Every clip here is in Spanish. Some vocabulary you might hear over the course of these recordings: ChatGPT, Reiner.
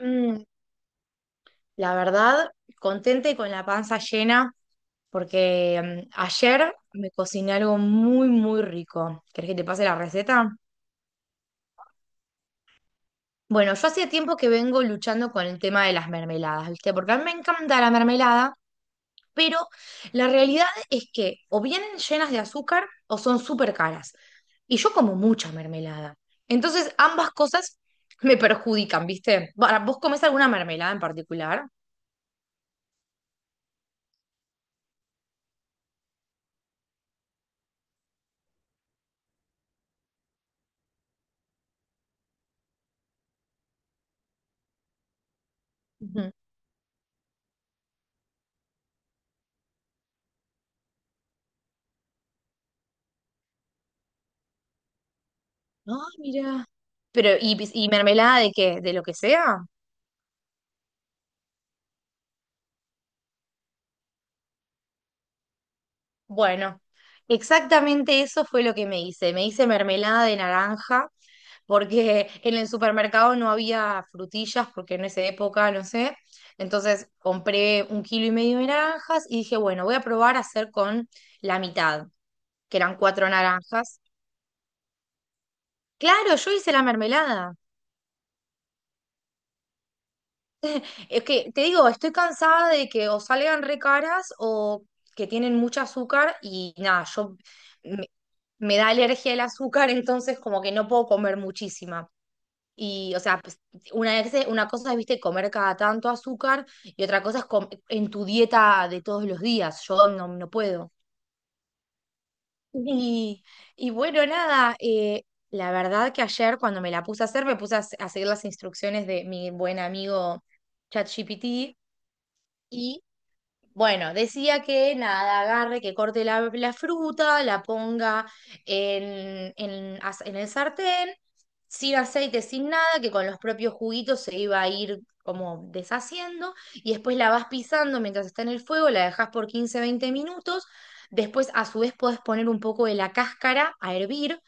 Mm, La verdad, contenta y con la panza llena, porque ayer me cociné algo muy, muy rico. ¿Querés que te pase la receta? Bueno, yo hacía tiempo que vengo luchando con el tema de las mermeladas, ¿viste? Porque a mí me encanta la mermelada, pero la realidad es que o vienen llenas de azúcar o son súper caras. Y yo como mucha mermelada. Entonces, ambas cosas me perjudican, ¿viste? Bueno, ¿vos comés alguna mermelada en particular? No, mira. Pero, ¿y mermelada de qué? ¿De lo que sea? Bueno, exactamente eso fue lo que me hice. Me hice mermelada de naranja porque en el supermercado no había frutillas porque en esa época, no sé. Entonces compré un kilo y medio de naranjas y dije, bueno, voy a probar a hacer con la mitad, que eran cuatro naranjas. Claro, yo hice la mermelada. Es que te digo, estoy cansada de que o salgan re caras o que tienen mucho azúcar y nada, yo me, me da alergia el azúcar, entonces como que no puedo comer muchísima. Y, o sea, pues, una cosa es, viste, comer cada tanto azúcar y otra cosa es en tu dieta de todos los días. Yo no, no puedo. Y, y bueno, nada, la verdad que ayer cuando me la puse a hacer, me puse a seguir las instrucciones de mi buen amigo ChatGPT y bueno, decía que nada, agarre, que corte la fruta, la ponga en el sartén, sin aceite, sin nada, que con los propios juguitos se iba a ir como deshaciendo, y después la vas pisando mientras está en el fuego, la dejas por 15 20 minutos, después a su vez podés poner un poco de la cáscara a hervir,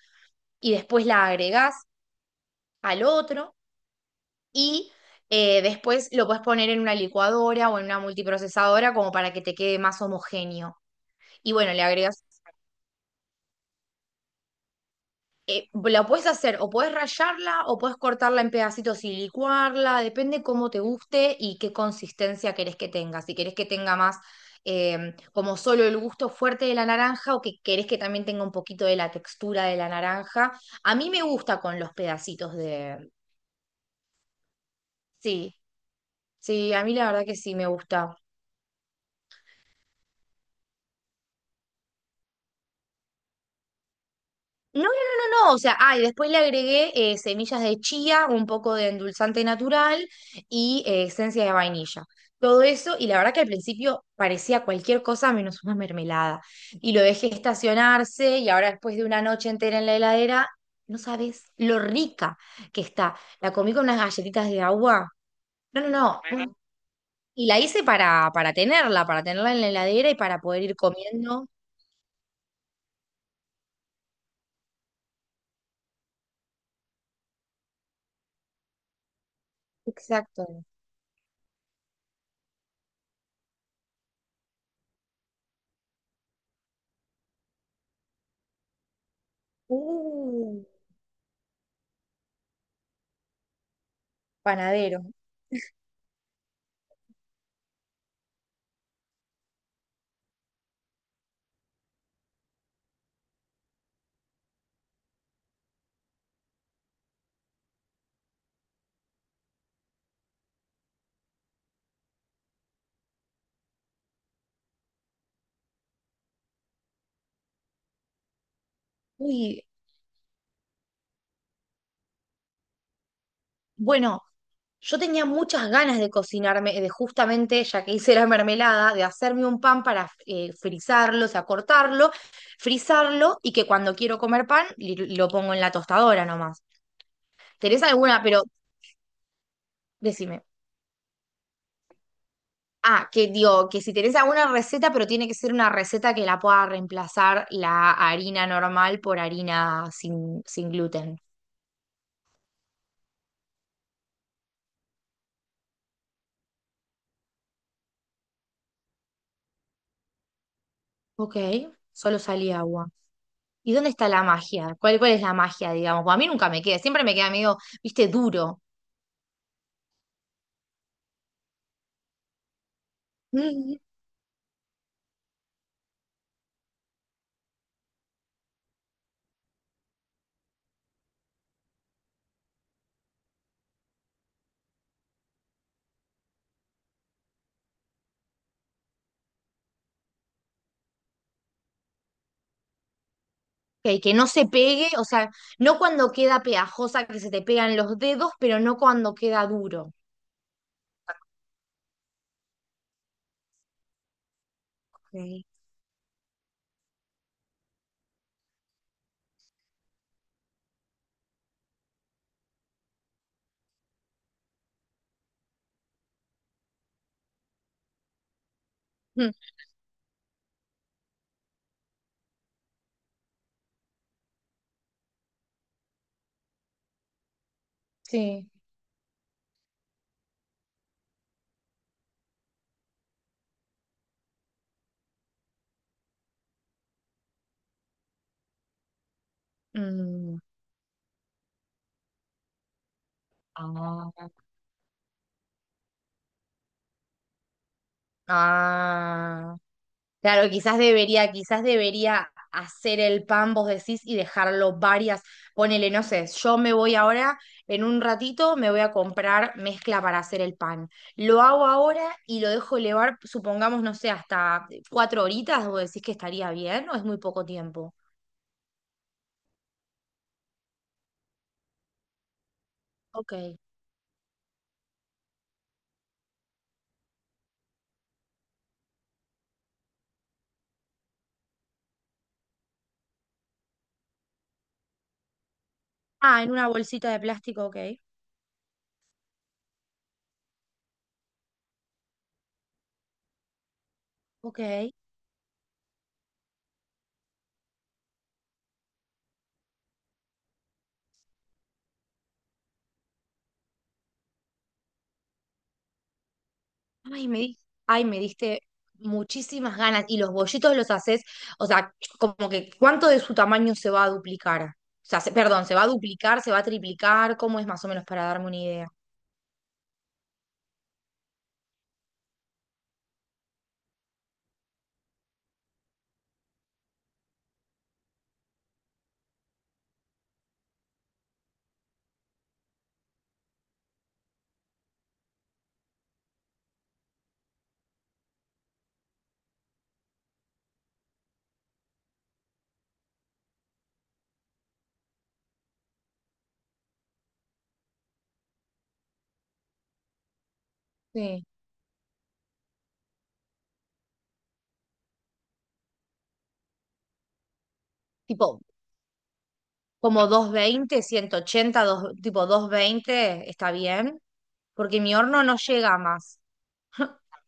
y después la agregás al otro, y después lo podés poner en una licuadora o en una multiprocesadora como para que te quede más homogéneo. Y bueno, le agregas, la puedes hacer o puedes rallarla o puedes cortarla en pedacitos y licuarla, depende cómo te guste y qué consistencia querés que tenga. Si querés que tenga más como solo el gusto fuerte de la naranja o que querés que también tenga un poquito de la textura de la naranja. A mí me gusta con los pedacitos de... Sí, sí, a mí la verdad que sí me gusta. No, no, no, no, no, o sea, ah, y después le agregué semillas de chía, un poco de endulzante natural y esencia de vainilla. Todo eso, y la verdad que al principio parecía cualquier cosa menos una mermelada. Y lo dejé estacionarse y ahora después de una noche entera en la heladera, no sabes lo rica que está. La comí con unas galletitas de agua. No, no, no. Bueno, y la hice para tenerla en la heladera y para poder ir comiendo. Exacto. Uh, Panadero. Uy, bueno, yo tenía muchas ganas de cocinarme, de justamente, ya que hice la mermelada, de hacerme un pan para frizarlo, o sea, cortarlo, frizarlo y que cuando quiero comer pan lo pongo en la tostadora nomás. ¿Tenés alguna? Pero decime. Ah, que digo, que si tenés alguna receta, pero tiene que ser una receta que la pueda reemplazar la harina normal por harina sin gluten. Ok, solo salía agua. ¿Y dónde está la magia? ¿Cuál es la magia, digamos? Pues a mí nunca me queda, siempre me queda medio, viste, duro. Mm. Que no se pegue, o sea, no cuando queda pegajosa que se te pegan los dedos, pero no cuando queda duro. Ok. Mm, sí. Mm. Ah. Ah. Claro, quizás debería hacer el pan, vos decís, y dejarlo varias, ponele, no sé, yo me voy ahora, en un ratito me voy a comprar mezcla para hacer el pan. Lo hago ahora y lo dejo elevar, supongamos, no sé, hasta cuatro horitas, vos decís que estaría bien o es muy poco tiempo. Ok. Ah, en una bolsita de plástico, ok. Ok. Ay, ay, me diste muchísimas ganas. Y los bollitos los haces, o sea, como que ¿cuánto de su tamaño se va a duplicar? O sea, perdón, ¿se va a duplicar, se va a triplicar? ¿Cómo es más o menos para darme una idea? Sí. Tipo, como 220, 180, tipo 220, ¿está bien? Porque mi horno no llega más.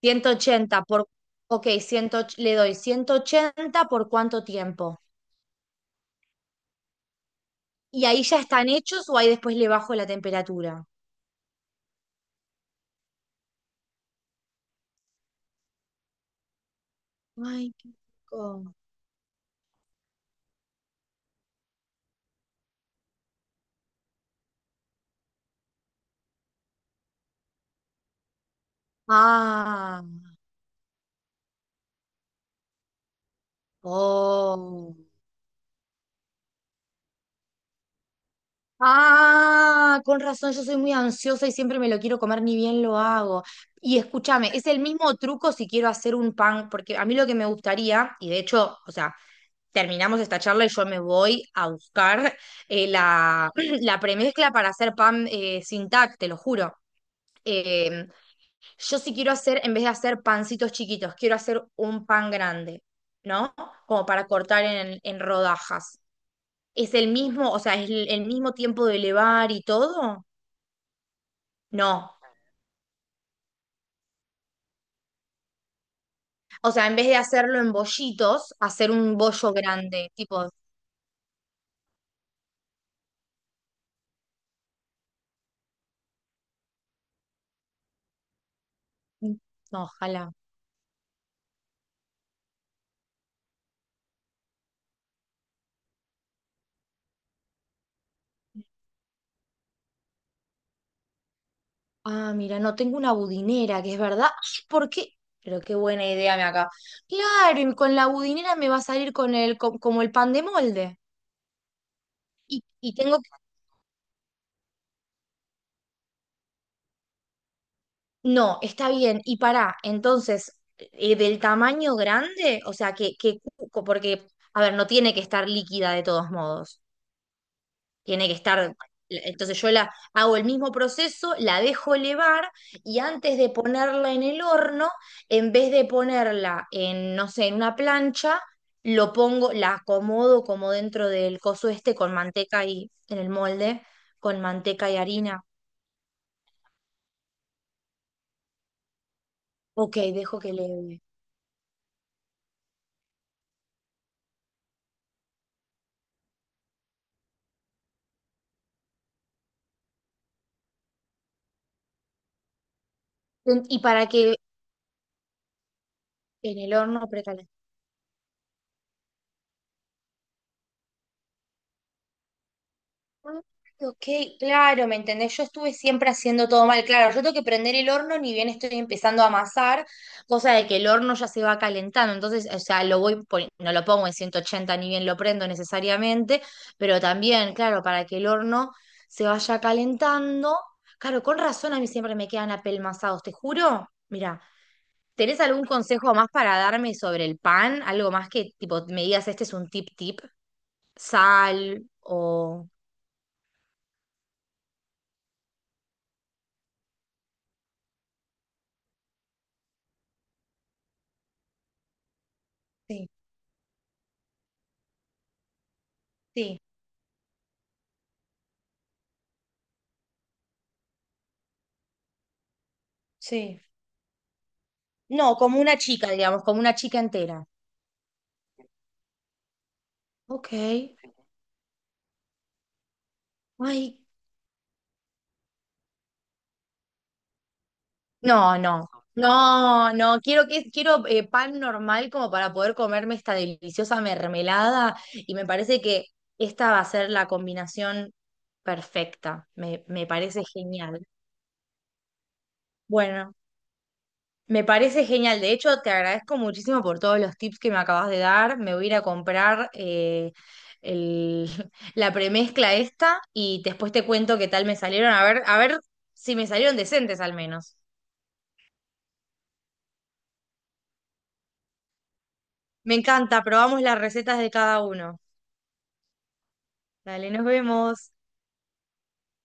180 por, ok, 100, le doy 180 por cuánto tiempo. ¿Y ahí ya están hechos o ahí después le bajo la temperatura? Ay, qué rico. Ah, oh. Ah, con razón, yo soy muy ansiosa y siempre me lo quiero comer, ni bien lo hago. Y escúchame, es el mismo truco si quiero hacer un pan, porque a mí lo que me gustaría, y de hecho, o sea, terminamos esta charla y yo me voy a buscar la, la premezcla para hacer pan sin tac, te lo juro. Eh, Yo sí quiero hacer, en vez de hacer pancitos chiquitos, quiero hacer un pan grande, ¿no? Como para cortar en rodajas. ¿Es el mismo, o sea, es el mismo tiempo de elevar y todo? No. O sea, en vez de hacerlo en bollitos, hacer un bollo grande, tipo, mm, no, ojalá. Ah, mira, no tengo una budinera, que es verdad. Ay, ¿por qué? Pero qué buena idea me acá. Claro, y con la budinera me va a salir con como el pan de molde. Y tengo no, está bien. Y para entonces, del tamaño grande, o sea, porque, a ver, no tiene que estar líquida de todos modos. Tiene que estar, entonces yo la hago el mismo proceso, la dejo elevar y antes de ponerla en el horno, en vez de ponerla en, no sé, en una plancha, lo pongo, la acomodo como dentro del coso este con manteca y, en el molde, con manteca y harina. Ok, dejo que leve. Y para que en el horno precalentado. Ok, claro, ¿me entendés? Yo estuve siempre haciendo todo mal. Claro, yo tengo que prender el horno ni bien estoy empezando a amasar, cosa de que el horno ya se va calentando. Entonces, o sea, lo voy, no lo pongo en 180 ni bien lo prendo necesariamente, pero también, claro, para que el horno se vaya calentando. Claro, con razón a mí siempre me quedan apelmazados, te juro. Mira, ¿tenés algún consejo más para darme sobre el pan? Algo más que tipo me digas, este es un tip tip, sal o... Sí, sí, sí. No, como una chica, digamos, como una chica entera. Ok. Ay, no, no. No, no, quiero que quiero pan normal como para poder comerme esta deliciosa mermelada y me parece que esta va a ser la combinación perfecta. Me parece genial. Bueno, me parece genial. De hecho, te agradezco muchísimo por todos los tips que me acabas de dar. Me voy a ir a comprar el- la premezcla esta y después te cuento qué tal me salieron. A ver si me salieron decentes al menos. Me encanta. Probamos las recetas de cada uno. Dale, nos vemos.